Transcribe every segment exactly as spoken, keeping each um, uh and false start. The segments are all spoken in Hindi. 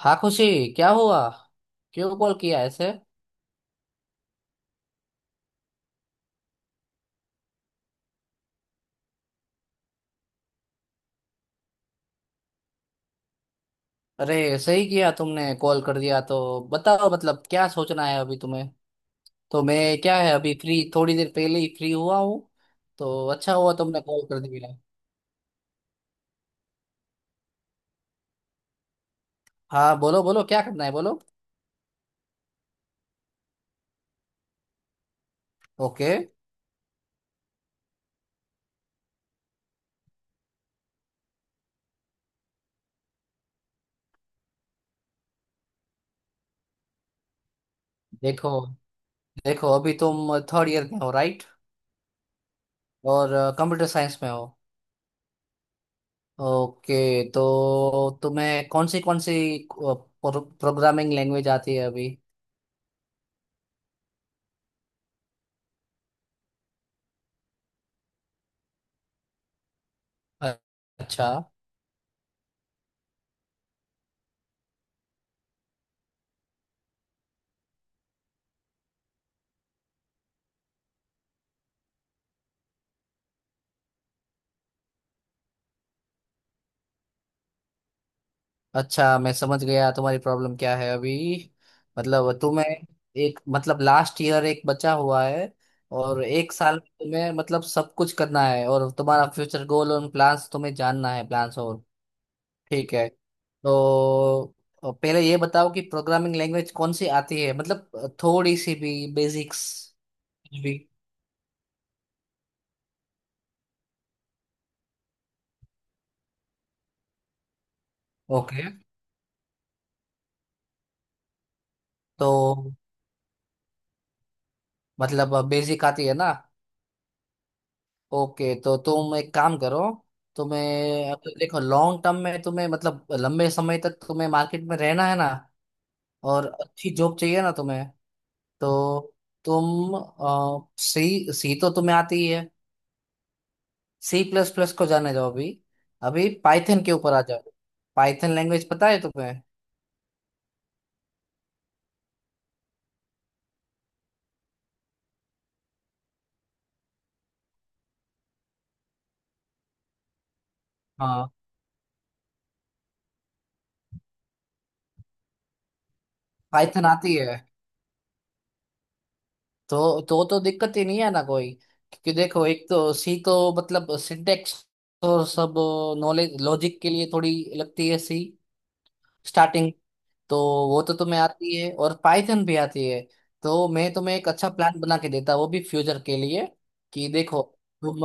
हाँ, खुशी। क्या हुआ? क्यों कॉल किया ऐसे? अरे, सही किया तुमने कॉल कर दिया तो। बताओ, मतलब क्या सोचना है अभी तुम्हें? तो मैं क्या है, अभी फ्री, थोड़ी देर पहले ही फ्री हुआ हूँ, तो अच्छा हुआ तुमने कॉल कर दिया। हाँ, बोलो बोलो, क्या करना है, बोलो। ओके, देखो देखो, अभी तुम थर्ड ईयर में हो राइट, और कंप्यूटर साइंस में हो। ओके, तो तुम्हें कौन सी कौन सी प्रोग्रामिंग लैंग्वेज आती है अभी? अच्छा अच्छा, मैं समझ गया तुम्हारी प्रॉब्लम क्या है अभी। मतलब तुम्हें एक, मतलब लास्ट ईयर एक बचा हुआ है, और एक साल में तुम्हें, मतलब सब कुछ करना है, और तुम्हारा फ्यूचर गोल और प्लान्स तुम्हें जानना है, प्लान्स और। ठीक है, तो पहले ये बताओ कि प्रोग्रामिंग लैंग्वेज कौन सी आती है, मतलब थोड़ी सी भी बेसिक्स भी। ओके, तो मतलब बेसिक आती है ना। ओके, तो तुम एक काम करो। तुम्हें अब देखो, लॉन्ग टर्म में तुम्हें, मतलब लंबे समय तक तुम्हें मार्केट में रहना है ना, और अच्छी जॉब चाहिए ना तुम्हें। तो तुम सी, सी तो तुम्हें आती ही है। सी प्लस प्लस को जाने जाओ अभी। अभी पाइथन के ऊपर आ जाओ। पाइथन लैंग्वेज पता है तुम्हें? हाँ। पाइथन आती है, तो तो तो दिक्कत ही नहीं है ना कोई। क्योंकि देखो, एक तो सी, तो मतलब सिंटेक्स तो सब, नॉलेज लॉजिक के लिए थोड़ी लगती है सी स्टार्टिंग। तो वो तो तुम्हें आती है और पाइथन भी आती है। तो मैं तुम्हें एक अच्छा प्लान बना के देता, वो भी फ्यूचर के लिए। कि देखो, तुम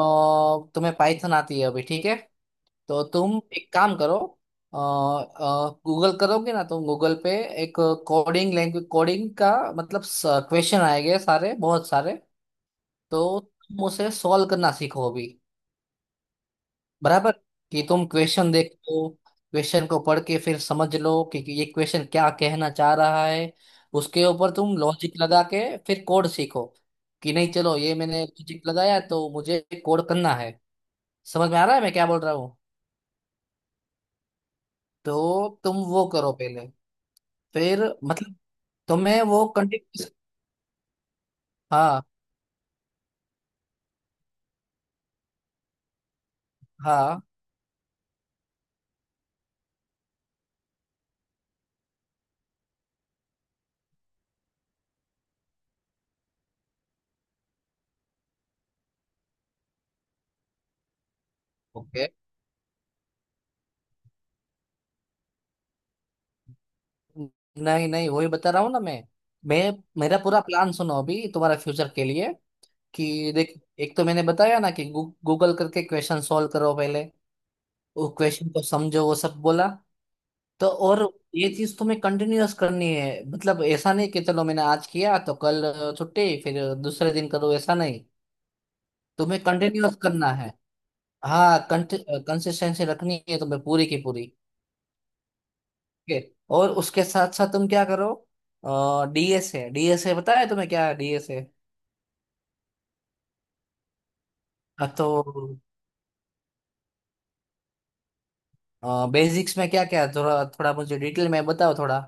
अ, तुम्हें पाइथन आती है अभी, ठीक है। तो तुम एक काम करो, गूगल करोगे ना तुम, गूगल पे एक कोडिंग लैंग्वेज, कोडिंग का मतलब क्वेश्चन आएंगे सारे, बहुत सारे। तो तुम उसे सॉल्व करना सीखो अभी, बराबर? कि तुम क्वेश्चन देख लो, क्वेश्चन को पढ़ के फिर समझ लो कि कि ये क्वेश्चन क्या कहना चाह रहा है। उसके ऊपर तुम लॉजिक लगा के फिर कोड सीखो कि नहीं, चलो ये मैंने लॉजिक लगाया तो मुझे कोड करना है। समझ में आ रहा है मैं क्या बोल रहा हूँ? तो तुम वो करो पहले, फिर मतलब तुम्हें वो कंटिन्यू। हाँ हाँ, ओके। नहीं नहीं, वही बता रहा हूँ ना मैं मैं मेरा पूरा प्लान सुनो अभी, तुम्हारा फ्यूचर के लिए। कि देख, एक तो मैंने बताया ना कि गू, गूगल करके क्वेश्चन सॉल्व करो पहले। वो क्वेश्चन को समझो, वो सब बोला। तो और ये चीज तुम्हें कंटिन्यूअस करनी है, मतलब ऐसा नहीं कि चलो मैंने आज किया तो कल छुट्टी, फिर दूसरे दिन करो, ऐसा नहीं। तुम्हें कंटिन्यूअस करना है। हाँ, कंसिस्टेंसी रखनी है तुम्हें, पूरी की पूरी। ठीक है। और उसके साथ साथ तुम क्या करो, डी एस है, डीएस है, बताया तुम्हें क्या डीएस है? हाँ, तो बेसिक्स में क्या क्या थोड़ा थोड़ा मुझे डिटेल में बताओ थोड़ा।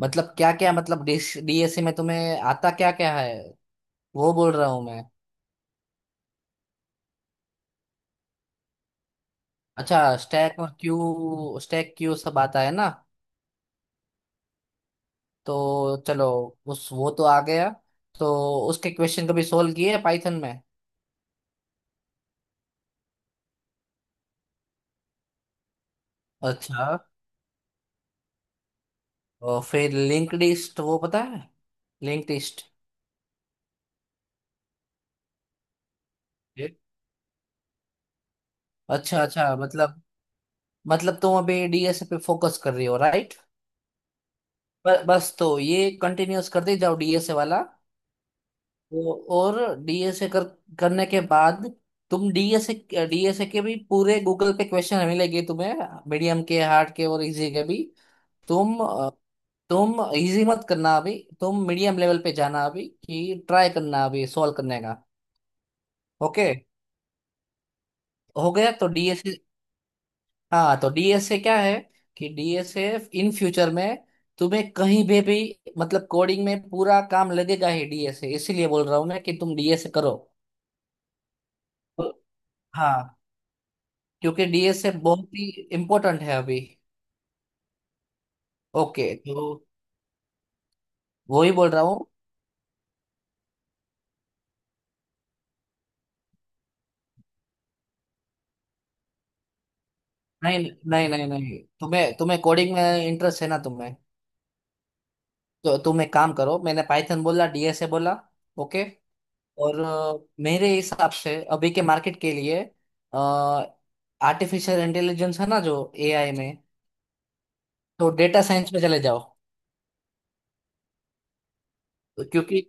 मतलब क्या क्या, मतलब डिश, डी एस ए में तुम्हें आता क्या क्या है, वो बोल रहा हूँ मैं। अच्छा, स्टैक और क्यू, स्टैक क्यू सब आता है ना? तो चलो, उस, वो तो आ गया। तो उसके क्वेश्चन कभी सोल्व किए पाइथन में? अच्छा। और फिर लिंक लिस्ट वो पता है, लिंक लिस्ट? अच्छा अच्छा, मतलब मतलब तुम अभी डीएसए पे फोकस कर रही हो राइट? बस तो ये कंटिन्यूअस करते जाओ डीएसए वाला। वो और डीएसए कर करने के बाद तुम डीएसए, डीएसए के भी पूरे गूगल पे क्वेश्चन मिलेंगे तुम्हें, मीडियम के, हार्ड के और इजी के भी। तुम अ, तुम इजी मत करना अभी, तुम मीडियम लेवल पे जाना, अभी कि ट्राई करना अभी सॉल्व करने का। ओके। हो गया तो डीएसए। हाँ, तो डीएसए क्या है कि डीएसए इन फ्यूचर में तुम्हें कहीं भी भी मतलब कोडिंग में पूरा काम लगेगा ही डीएसए, इसीलिए बोल रहा हूँ मैं कि तुम डीएसए करो। हाँ, क्योंकि डीएसए बहुत ही इम्पोर्टेंट है अभी। ओके, तो वो ही बोल रहा हूँ। नहीं नहीं नहीं नहीं, तुम्हें तुम्हें कोडिंग में इंटरेस्ट है ना तुम्हें। तो तुम एक काम करो, मैंने पाइथन बोला, डीएसए बोला। ओके, और अ, मेरे हिसाब से अभी के मार्केट के लिए आर्टिफिशियल इंटेलिजेंस है ना जो, ए आई में, तो डेटा साइंस में चले जाओ। तो क्योंकि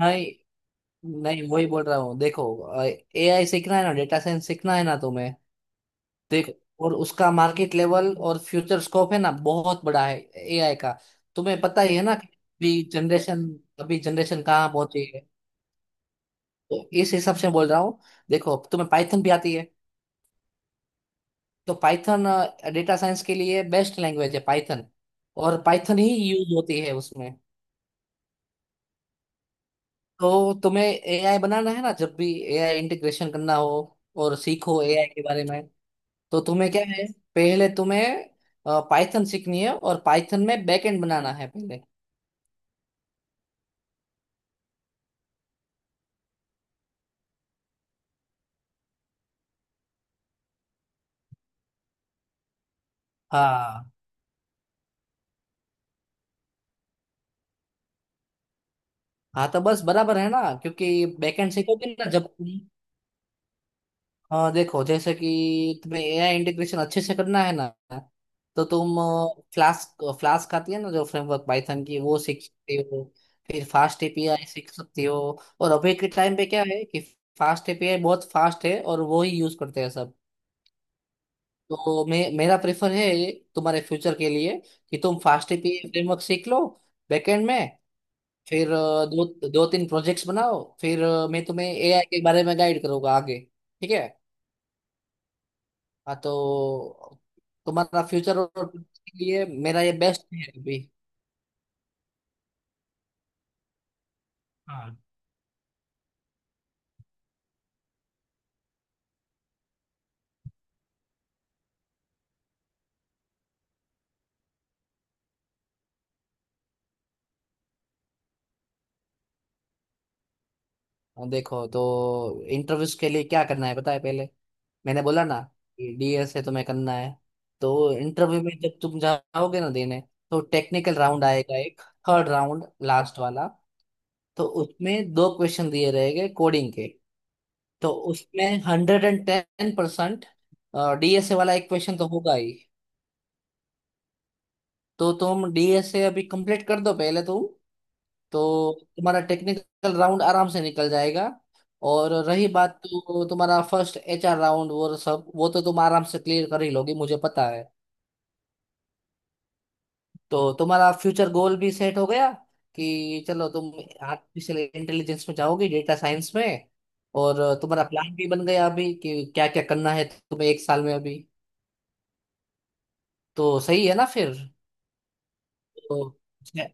नहीं, नहीं वही बोल रहा हूँ। देखो, एआई सीखना है ना, डेटा साइंस सीखना है ना तुम्हें? देख, और उसका मार्केट लेवल और फ्यूचर स्कोप है ना, बहुत बड़ा है एआई का। तुम्हें पता ही है ना कि अभी जनरेशन, अभी जनरेशन कहाँ पहुंची है। तो इस हिसाब से बोल रहा हूँ। देखो तुम्हें पाइथन भी आती है, तो पाइथन, डेटा साइंस के लिए बेस्ट लैंग्वेज है पाइथन, और पाइथन ही यूज होती है उसमें। तो तुम्हें एआई बनाना है ना, जब भी एआई इंटीग्रेशन करना हो और सीखो एआई के बारे में, तो तुम्हें क्या है, पहले तुम्हें पाइथन सीखनी है और पाइथन में बैकएंड बनाना है पहले। हाँ। हाँ तो बस, बराबर है ना, क्योंकि बैकएंड सीखोगे ना जब तुम। अ, देखो जैसे कि तुम्हें एआई इंटीग्रेशन अच्छे से करना है ना, तो तुम फ्लास्क, फ्लास्क आती है ना जो फ्रेमवर्क पाइथन की, वो सीख सकती हो। फिर फास्ट ए पी आई सीख सकती हो। और अभी के टाइम पे क्या है कि फास्ट एपीआई बहुत फास्ट है और वो ही यूज करते हैं सब। तो मे, मेरा प्रेफर है तुम्हारे फ्यूचर के लिए कि तुम फास्ट एपीआई फ्रेमवर्क सीख लो बैकएंड में। फिर अ, दो, दो तीन प्रोजेक्ट्स बनाओ, फिर अ, मैं तुम्हें एआई के बारे में गाइड करूंगा आगे। ठीक है। हाँ, तो तुम्हारा फ्यूचर और के लिए मेरा ये बेस्ट है अभी। हाँ। हाँ, देखो, तो इंटरव्यूज के लिए क्या करना है पता है पहले? मैंने बोला ना कि डीएस है तुम्हें करना है। तो इंटरव्यू में जब तुम जाओगे ना देने, तो टेक्निकल राउंड आएगा एक, थर्ड राउंड, लास्ट वाला। तो उसमें दो क्वेश्चन दिए रहेंगे कोडिंग के। तो उसमें hundred and ten percent DSA वाला एक क्वेश्चन तो होगा ही। तो तुम डीएसए अभी कंप्लीट कर दो पहले तुम, तो तुम्हारा टेक्निकल राउंड आराम से निकल जाएगा। और रही बात तो तुम्हारा फर्स्ट एच आर राउंड वो सब, वो तो तुम आराम से क्लियर कर ही लोगे, मुझे पता है। तो तुम्हारा फ्यूचर गोल भी सेट हो गया कि चलो तुम आर्टिफिशियल इंटेलिजेंस में जाओगे, डेटा साइंस में, और तुम्हारा प्लान भी बन गया अभी कि क्या क्या करना है तुम्हें एक साल में अभी। तो सही है ना फिर? तो छे-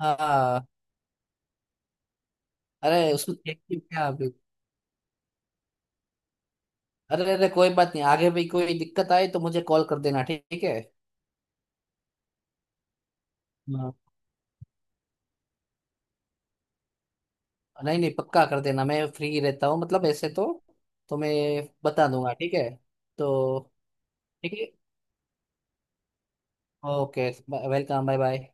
हाँ। अरे उसमें देखिए क्या अभी, अरे अरे कोई बात नहीं, आगे भी कोई दिक्कत आए तो मुझे कॉल कर देना, ठीक है। हाँ। नहीं नहीं, पक्का कर देना, मैं फ्री रहता हूँ, मतलब ऐसे तो। तो मैं बता दूंगा, ठीक है। तो ठीक है। Okay, welcome, bye bye.